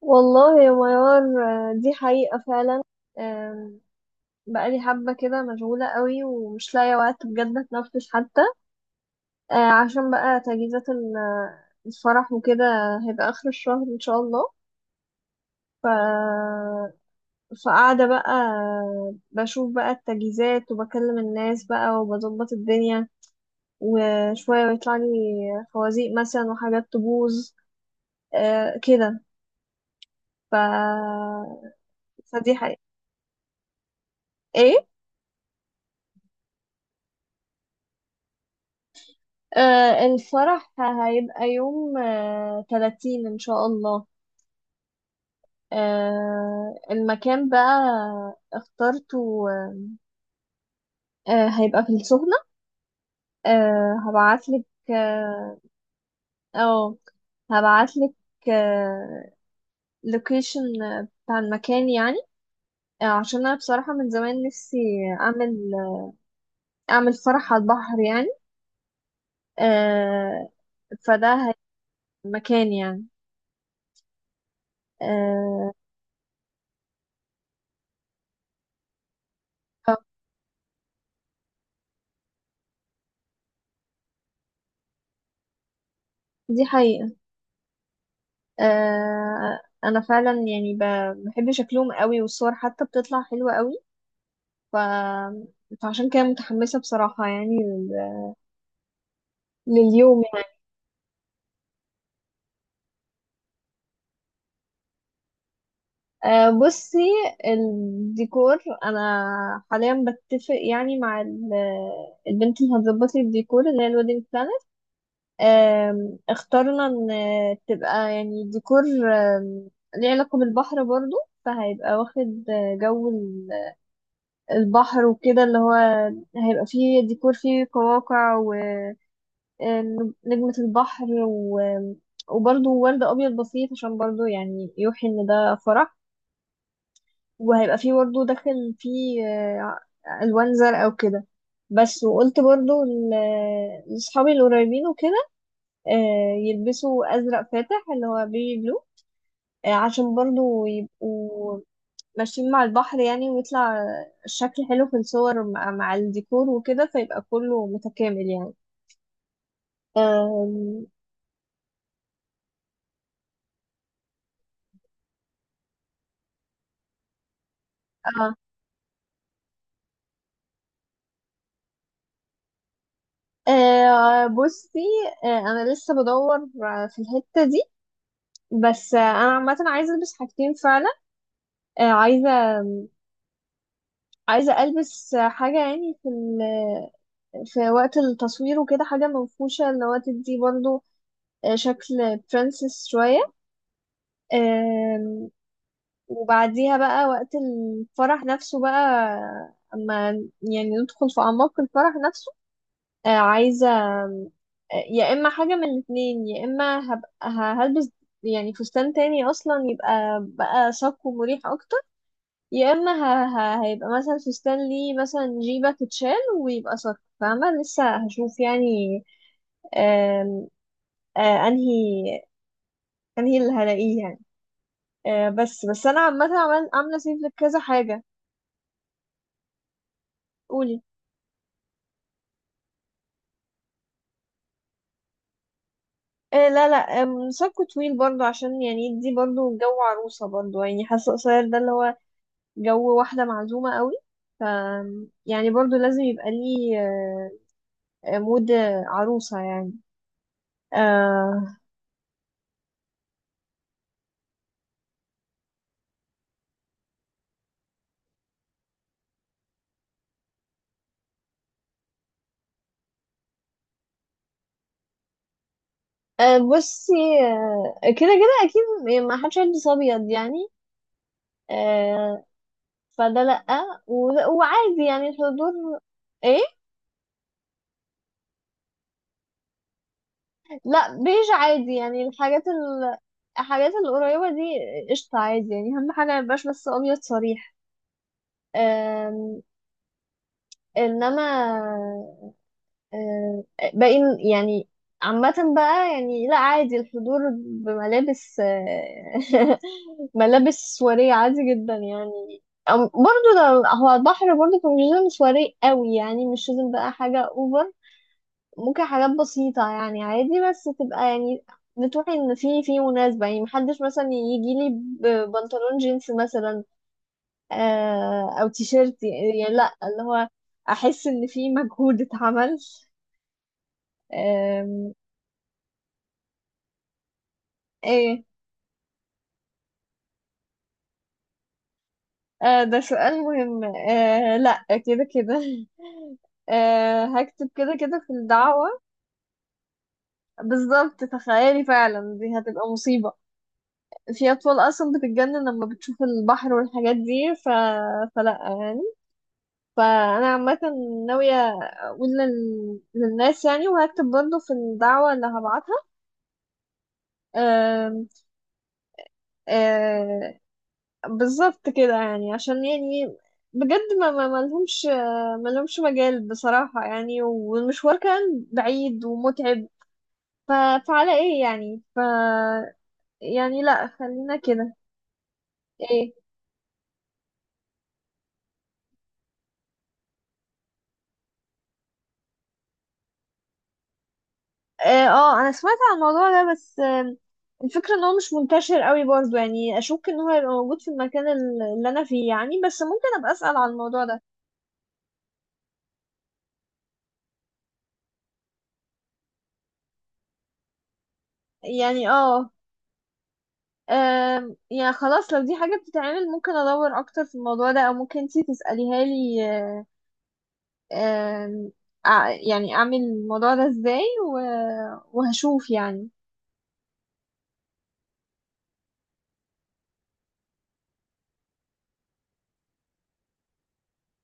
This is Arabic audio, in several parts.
والله يا ميار، آه، دي حقيقة فعلا. آم، بقالي حبة كده مشغولة قوي ومش لاقية وقت بجد اتنفس حتى. عشان بقى تجهيزات الفرح وكده هيبقى آخر الشهر إن شاء الله. ف... فقاعدة بقى بشوف بقى التجهيزات وبكلم الناس بقى وبظبط الدنيا، وشوية بيطلع لي خوازيق مثلا وحاجات تبوظ، كده. ف... فدي حقيقة. إيه؟ آه، الفرح هيبقى يوم 30 إن شاء الله. آه، المكان بقى اخترته، هيبقى في السخنة. هبعتلك، اه، أو هبعتلك آه لوكيشن بتاع المكان يعني. عشان أنا بصراحة من زمان نفسي أعمل فرح على البحر يعني، آه فده هيبقى المكان يعني، آه آه، دي حقيقة. انا فعلا يعني بحب شكلهم قوي والصور حتى بتطلع حلوة قوي. ف... فعشان كده متحمسة بصراحة يعني لليوم يعني. آه، بصي، الديكور انا حاليا بتفق يعني مع البنت اللي هتظبط لي الديكور اللي هي الويدنج بلانر. اخترنا ان تبقى يعني ديكور، آم، ليه علاقة بالبحر برضو، فهيبقى واخد جو البحر وكده اللي هو هيبقى فيه ديكور فيه قواقع ونجمة البحر وبرضه ورد أبيض بسيط عشان برضه يعني يوحي إن ده فرح، وهيبقى فيه برضه داخل فيه ألوان زرقاء وكده. بس وقلت برضه لأصحابي القريبين وكده، يلبسوا أزرق فاتح اللي هو بيبي بلو، عشان برضه يبقوا ماشيين مع البحر يعني ويطلع الشكل حلو في الصور مع الديكور وكده، فيبقى كله متكامل يعني. أم... اه، آه، بصي، انا لسه بدور في الحتة دي. بس انا عامة عايزة البس حاجتين فعلا، عايزة ألبس حاجة يعني في وقت التصوير وكده حاجة منفوشة اللي هو تدي برضو، شكل برنسس شوية. وبعديها بقى وقت الفرح نفسه بقى، اما يعني ندخل في اعماق الفرح نفسه، عايزه، آم، يا اما حاجه من الاثنين، يا اما هبقى هلبس يعني فستان تاني اصلا يبقى بقى شاق ومريح اكتر، يا اما هيبقى مثلا فستان ليه مثلا جيبه تتشال ويبقى شاق فاهمه، لسه هشوف يعني. آم، آه، انهي انهي اللي هلاقيه يعني، بس بس انا عامه عامله سيف لكذا حاجه. قولي. إيه، لا لا، ساكو طويل برضو، عشان يعني دي برضو جو عروسة، برضو يعني حاسة قصير ده اللي هو جو واحدة معزومة قوي، ف يعني برضو لازم يبقى ليه مود عروسة يعني، آه. آه، بصي، كده كده أكيد، يعني ما حدش هيلبس أبيض يعني، آه، فده لأ، وعادي يعني الحضور. إيه، لأ بيج عادي يعني الحاجات القريبة دي، قشطة عادي يعني، أهم حاجة ميبقاش بس أبيض صريح. آم، انما آم، باقي يعني، عامة بقى يعني لا عادي الحضور بملابس ملابس سواريه عادي جدا يعني. برضو هو البحر برضو كان مش لازم سواري قوي يعني، مش لازم بقى حاجة اوفر، ممكن حاجات بسيطة يعني، عادي بس تبقى يعني بتروحي ان في مناسبة يعني، محدش مثلا يجي لي ببنطلون جينز مثلا او تيشيرت يعني، لا اللي هو احس ان في مجهود اتعمل. آم، ايه، آه، ده سؤال مهم، لا كده كده هكتب كده كده في الدعوة. بالظبط، تخيلي فعلا دي هتبقى مصيبة، في أطفال أصلا بتتجنن لما بتشوف البحر والحاجات دي. فلا يعني، فأنا عامة ناوية أقول للناس يعني، وهكتب برضه في الدعوة اللي هبعتها. آم، آم، بالظبط كده يعني عشان يعني بجد ما لهمش مجال بصراحة يعني، والمشوار كان بعيد ومتعب. ف... فعلى ايه يعني، يعني لا خلينا كده. ايه، اه، انا سمعت عن الموضوع ده، بس الفكرة ان هو مش منتشر قوي برضو، يعني اشك ان هو هيبقى موجود في المكان اللي انا فيه يعني، بس ممكن ابقى اسأل عن الموضوع ده. يعني اه، يعني خلاص لو دي حاجة بتتعمل ممكن أدور أكتر في الموضوع ده، أو ممكن انتي تسأليها لي، أم، يعني أعمل الموضوع ده ازاي وهشوف يعني.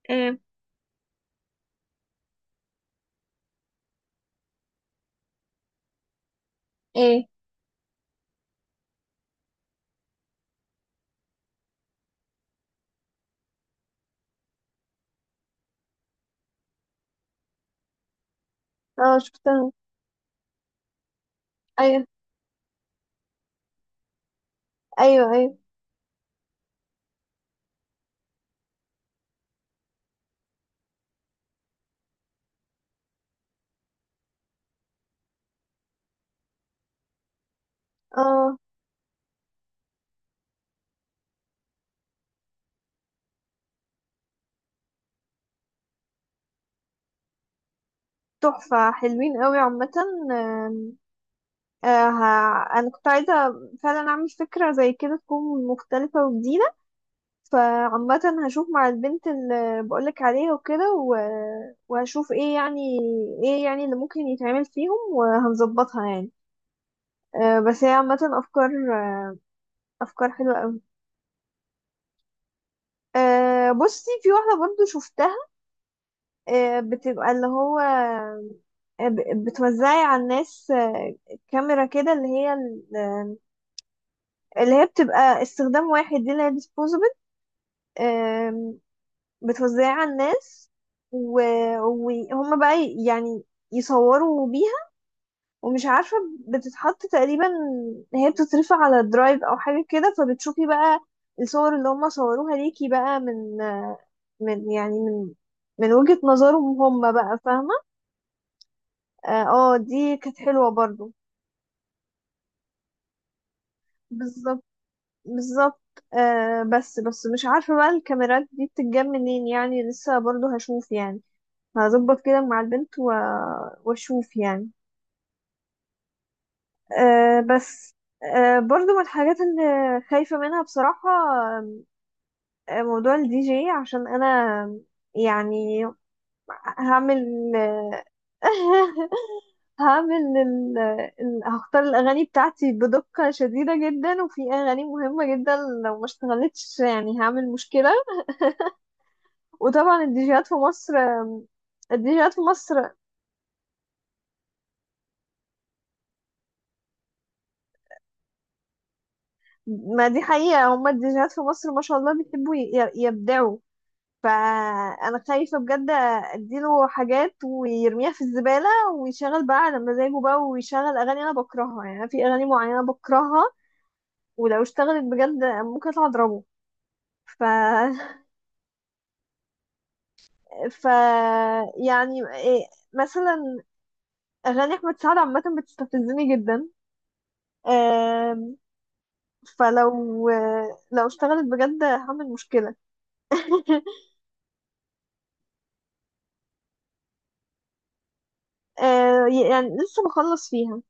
أه، ايه، اه شفتها، ايوه، ايوه، ايوه، اه، تحفة حلوين قوي عامة. أم، أنا كنت عايزة فعلا أعمل فكرة زي كده تكون مختلفة وجديدة، فعامة هشوف مع البنت اللي بقولك عليها وكده وهشوف ايه يعني، ايه يعني اللي ممكن يتعمل فيهم وهنظبطها يعني. أه بس هي عامة أفكار، أفكار حلوة أوي. أه، بصي، في واحدة برضو شفتها، أه بتبقى اللي هو بتوزعي على الناس كاميرا كده اللي هي اللي هي بتبقى استخدام واحد، دي اللي هي disposable، بتوزعها على الناس و... وهم بقى يعني يصوروا بيها، ومش عارفة بتتحط تقريبا، هي بتترفع على درايف أو حاجة كده، فبتشوفي بقى الصور اللي هم صوروها ليكي بقى من من يعني من من وجهة نظرهم هم بقى، فاهمة. اه، دي كانت حلوة برضو. بالظبط، بالظبط، آه، بس بس مش عارفة بقى الكاميرات دي بتتجاب منين يعني، لسه برضو هشوف يعني، هظبط كده مع البنت واشوف يعني، بس. برضو من الحاجات اللي خايفة منها بصراحة موضوع الدي جي، عشان أنا يعني هعمل هعمل هختار الأغاني بتاعتي بدقة شديدة جدا، وفي أغاني مهمة جدا لو ما اشتغلتش يعني هعمل مشكلة، وطبعا الديجيهات في مصر، ما دي حقيقة، هما الديجيهات في مصر ما شاء الله بيحبوا يبدعوا، فانا خايفه بجد اديله حاجات ويرميها في الزباله، ويشغل بقى على مزاجه بقى، ويشغل اغاني انا بكرهها، يعني أنا في اغاني معينه بكرهها، ولو اشتغلت بجد ممكن اطلع اضربه. ف ف يعني إيه، مثلا اغاني احمد سعد عامه بتستفزني جدا. آم، فلو آه، لو اشتغلت بجد هعمل مشكلة آه، يعني لسه بخلص فيها،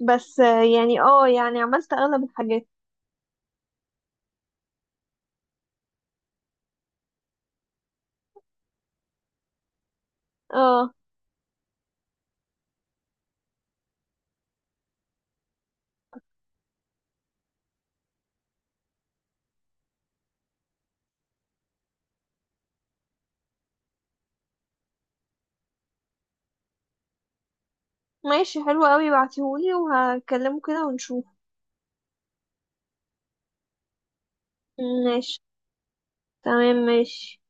بس يعني اه، يعني عملت اغلب الحاجات. اه، ماشي، حلو قوي، بعتهولي وهكلمه كده ونشوف. ماشي، تمام، ماشي.